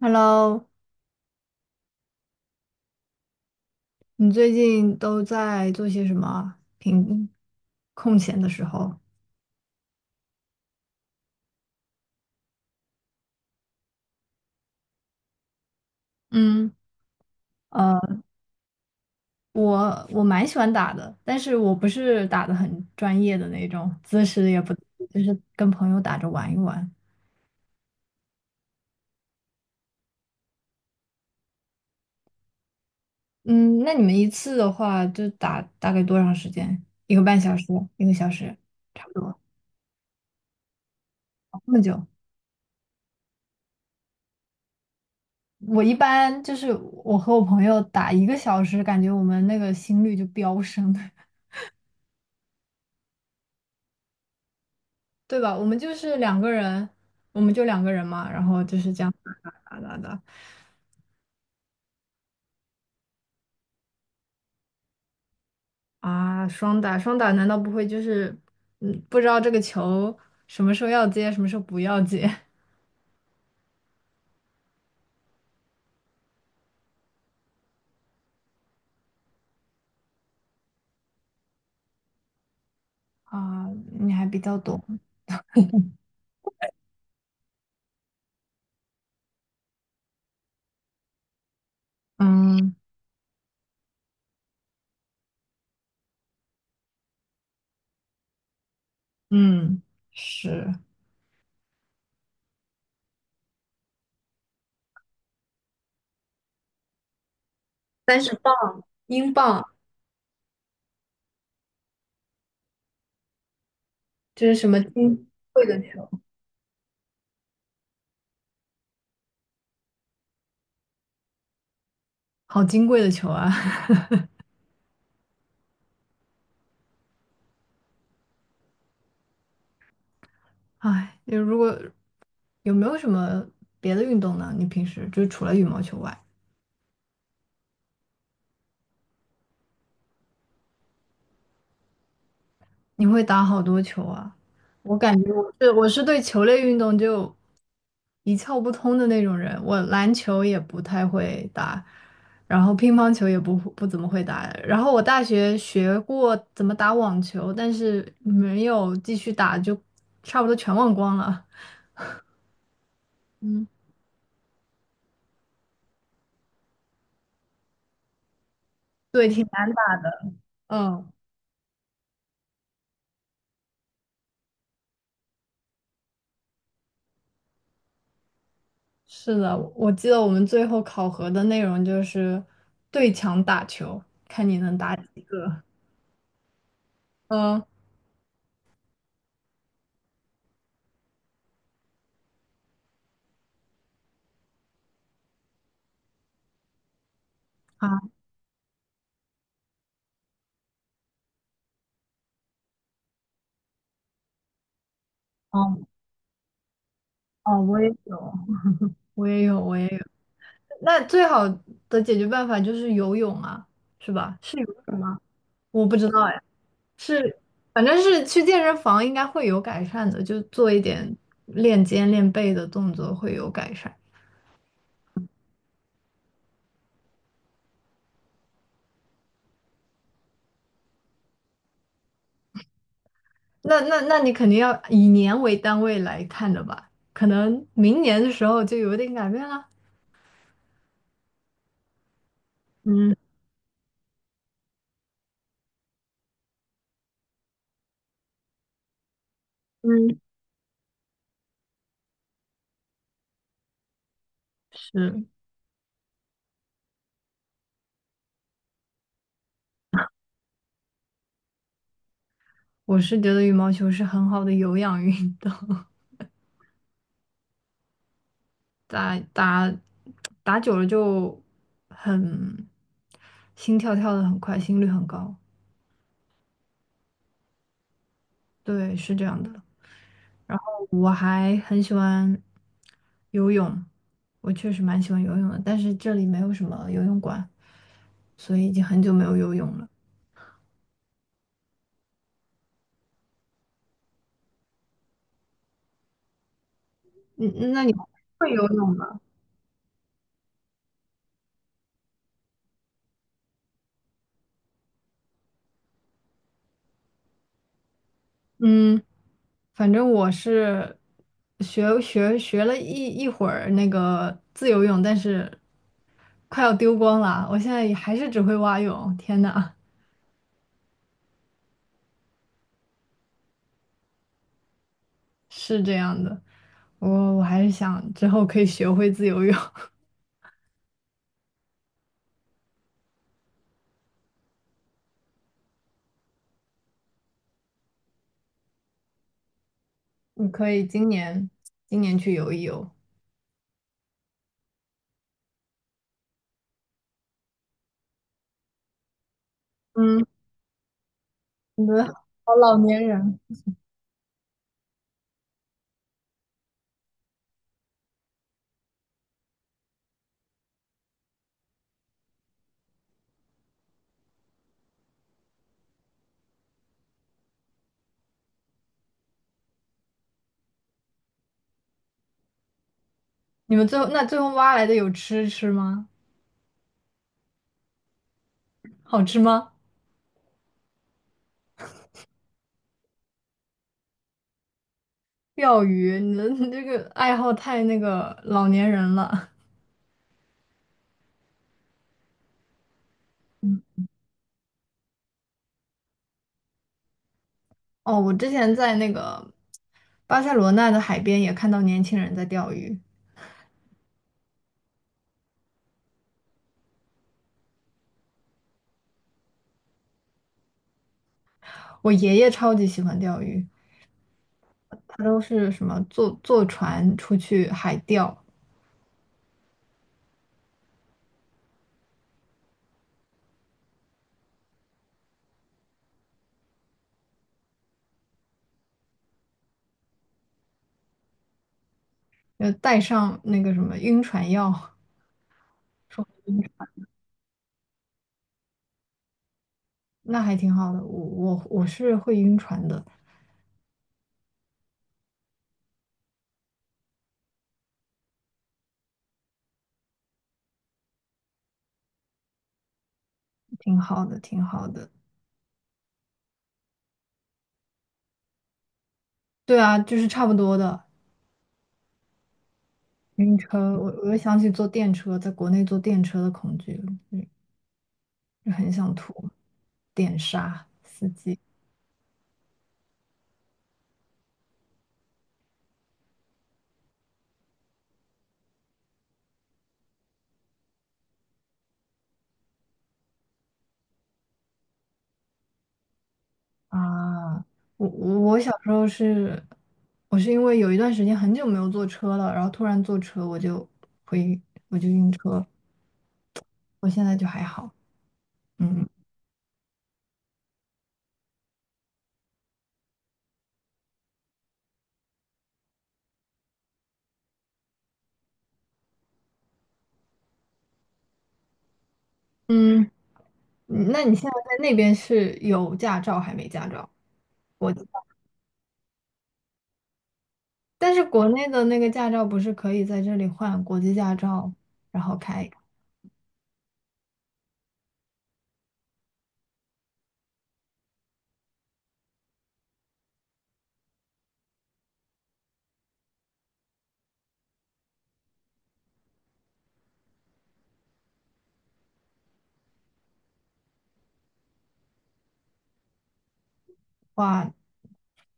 Hello，你最近都在做些什么啊平空闲的时候？嗯。呃，我蛮喜欢打的，但是我不是打的很专业的那种，姿势也不，就是跟朋友打着玩一玩。嗯，那你们一次的话，就打大概多长时间？一个半小时，一个小时，差不多，哦这么久。我一般就是我和我朋友打一个小时，感觉我们那个心率就飙升。对吧？我们就是两个人，我们就两个人嘛，然后就是这样打打打打打啊，双打双打，难道不会就是不知道这个球什么时候要接，什么时候不要接。 啊？你还比较懂，嗯嗯，是30磅英镑，这是什么金贵的球？好金贵的球啊！哎，就如果有没有什么别的运动呢？你平时就除了羽毛球外？你会打好多球啊？我感觉我是对球类运动就一窍不通的那种人，我篮球也不太会打，然后乒乓球也不怎么会打，然后我大学学过怎么打网球，但是没有继续打，就差不多全忘光了。嗯，对，挺难打。嗯，是的，我记得我们最后考核的内容就是对墙打球，看你能打几个。嗯，好。嗯哦，我也有，我也有，我也有。那最好的解决办法就是游泳啊，是吧？是游泳吗？我不知道哎。是，反正是去健身房应该会有改善的，就做一点练肩练背的动作会有改善。那你肯定要以年为单位来看的吧？可能明年的时候就有点改变了。嗯嗯，是，我是觉得羽毛球是很好的有氧运动。打打打久了就很心跳跳的很快，心率很高。对，是这样的。哎，很喜欢游泳，我确实蛮喜欢游泳的，但是这里没有什么游泳馆，所以已经很久没有游泳了。嗯，那你会游泳吗？嗯，反正我是学了一会儿那个自由泳，但是快要丢光了。我现在也还是只会蛙泳，天呐！是这样的，我我还是想之后可以学会自由泳。你可以今年今年去游一游。嗯，你们好老年人。你们最后挖来的有吃吃吗？好吃吗？钓鱼，你这个爱好太那个老年人了。哦，我之前在那个巴塞罗那的海边也看到年轻人在钓鱼。我爷爷超级喜欢钓鱼，他都是什么坐坐船出去海钓，要带上那个什么晕船药，那还挺好的。我是会晕船的，挺好的，挺好的。对啊，就是差不多的。晕车，我又想起坐电车，在国内坐电车的恐惧了。嗯。就很想吐，电杀啊！我小时候是，我是因为有一段时间很久没有坐车了，然后突然坐车我就会晕车，我现在就还好，嗯嗯。嗯，那你现在在那边是有驾照还没驾照？我，但是国内的那个驾照不是可以在这里换国际驾照，然后开，哇，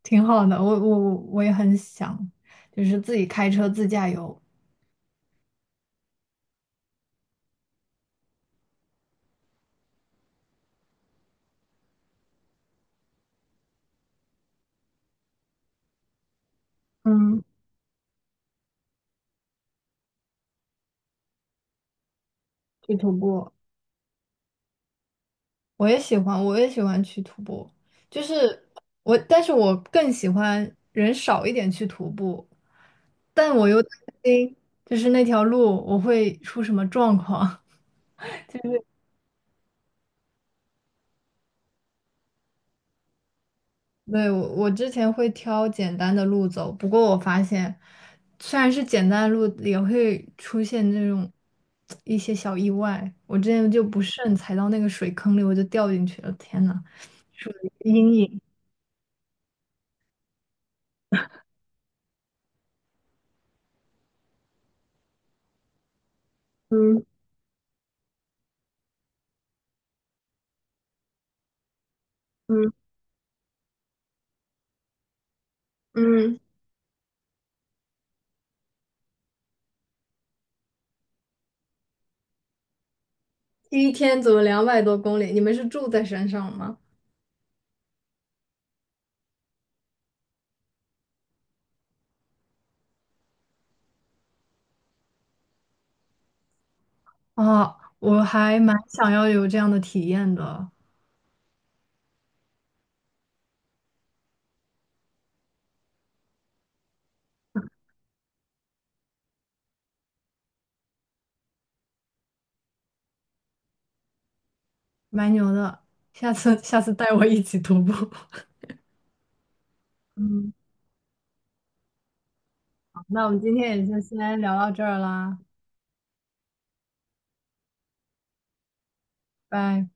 挺好的。我也很想，就是自己开车自驾游，嗯，去徒步。我也喜欢，我也喜欢去徒步。就是我，但是我更喜欢人少一点去徒步，但我又担心，就是那条路我会出什么状况。就是。对，我之前会挑简单的路走，不过我发现，虽然是简单的路，也会出现这种一些小意外。我之前就不慎踩到那个水坑里，我就掉进去了，天呐，阴影。嗯嗯，第一天走了200多公里，你们是住在山上吗？啊！我还蛮想要有这样的体验的，蛮牛的。下次下次带我一起徒步。嗯，好，那我们今天也就先聊到这儿啦，拜。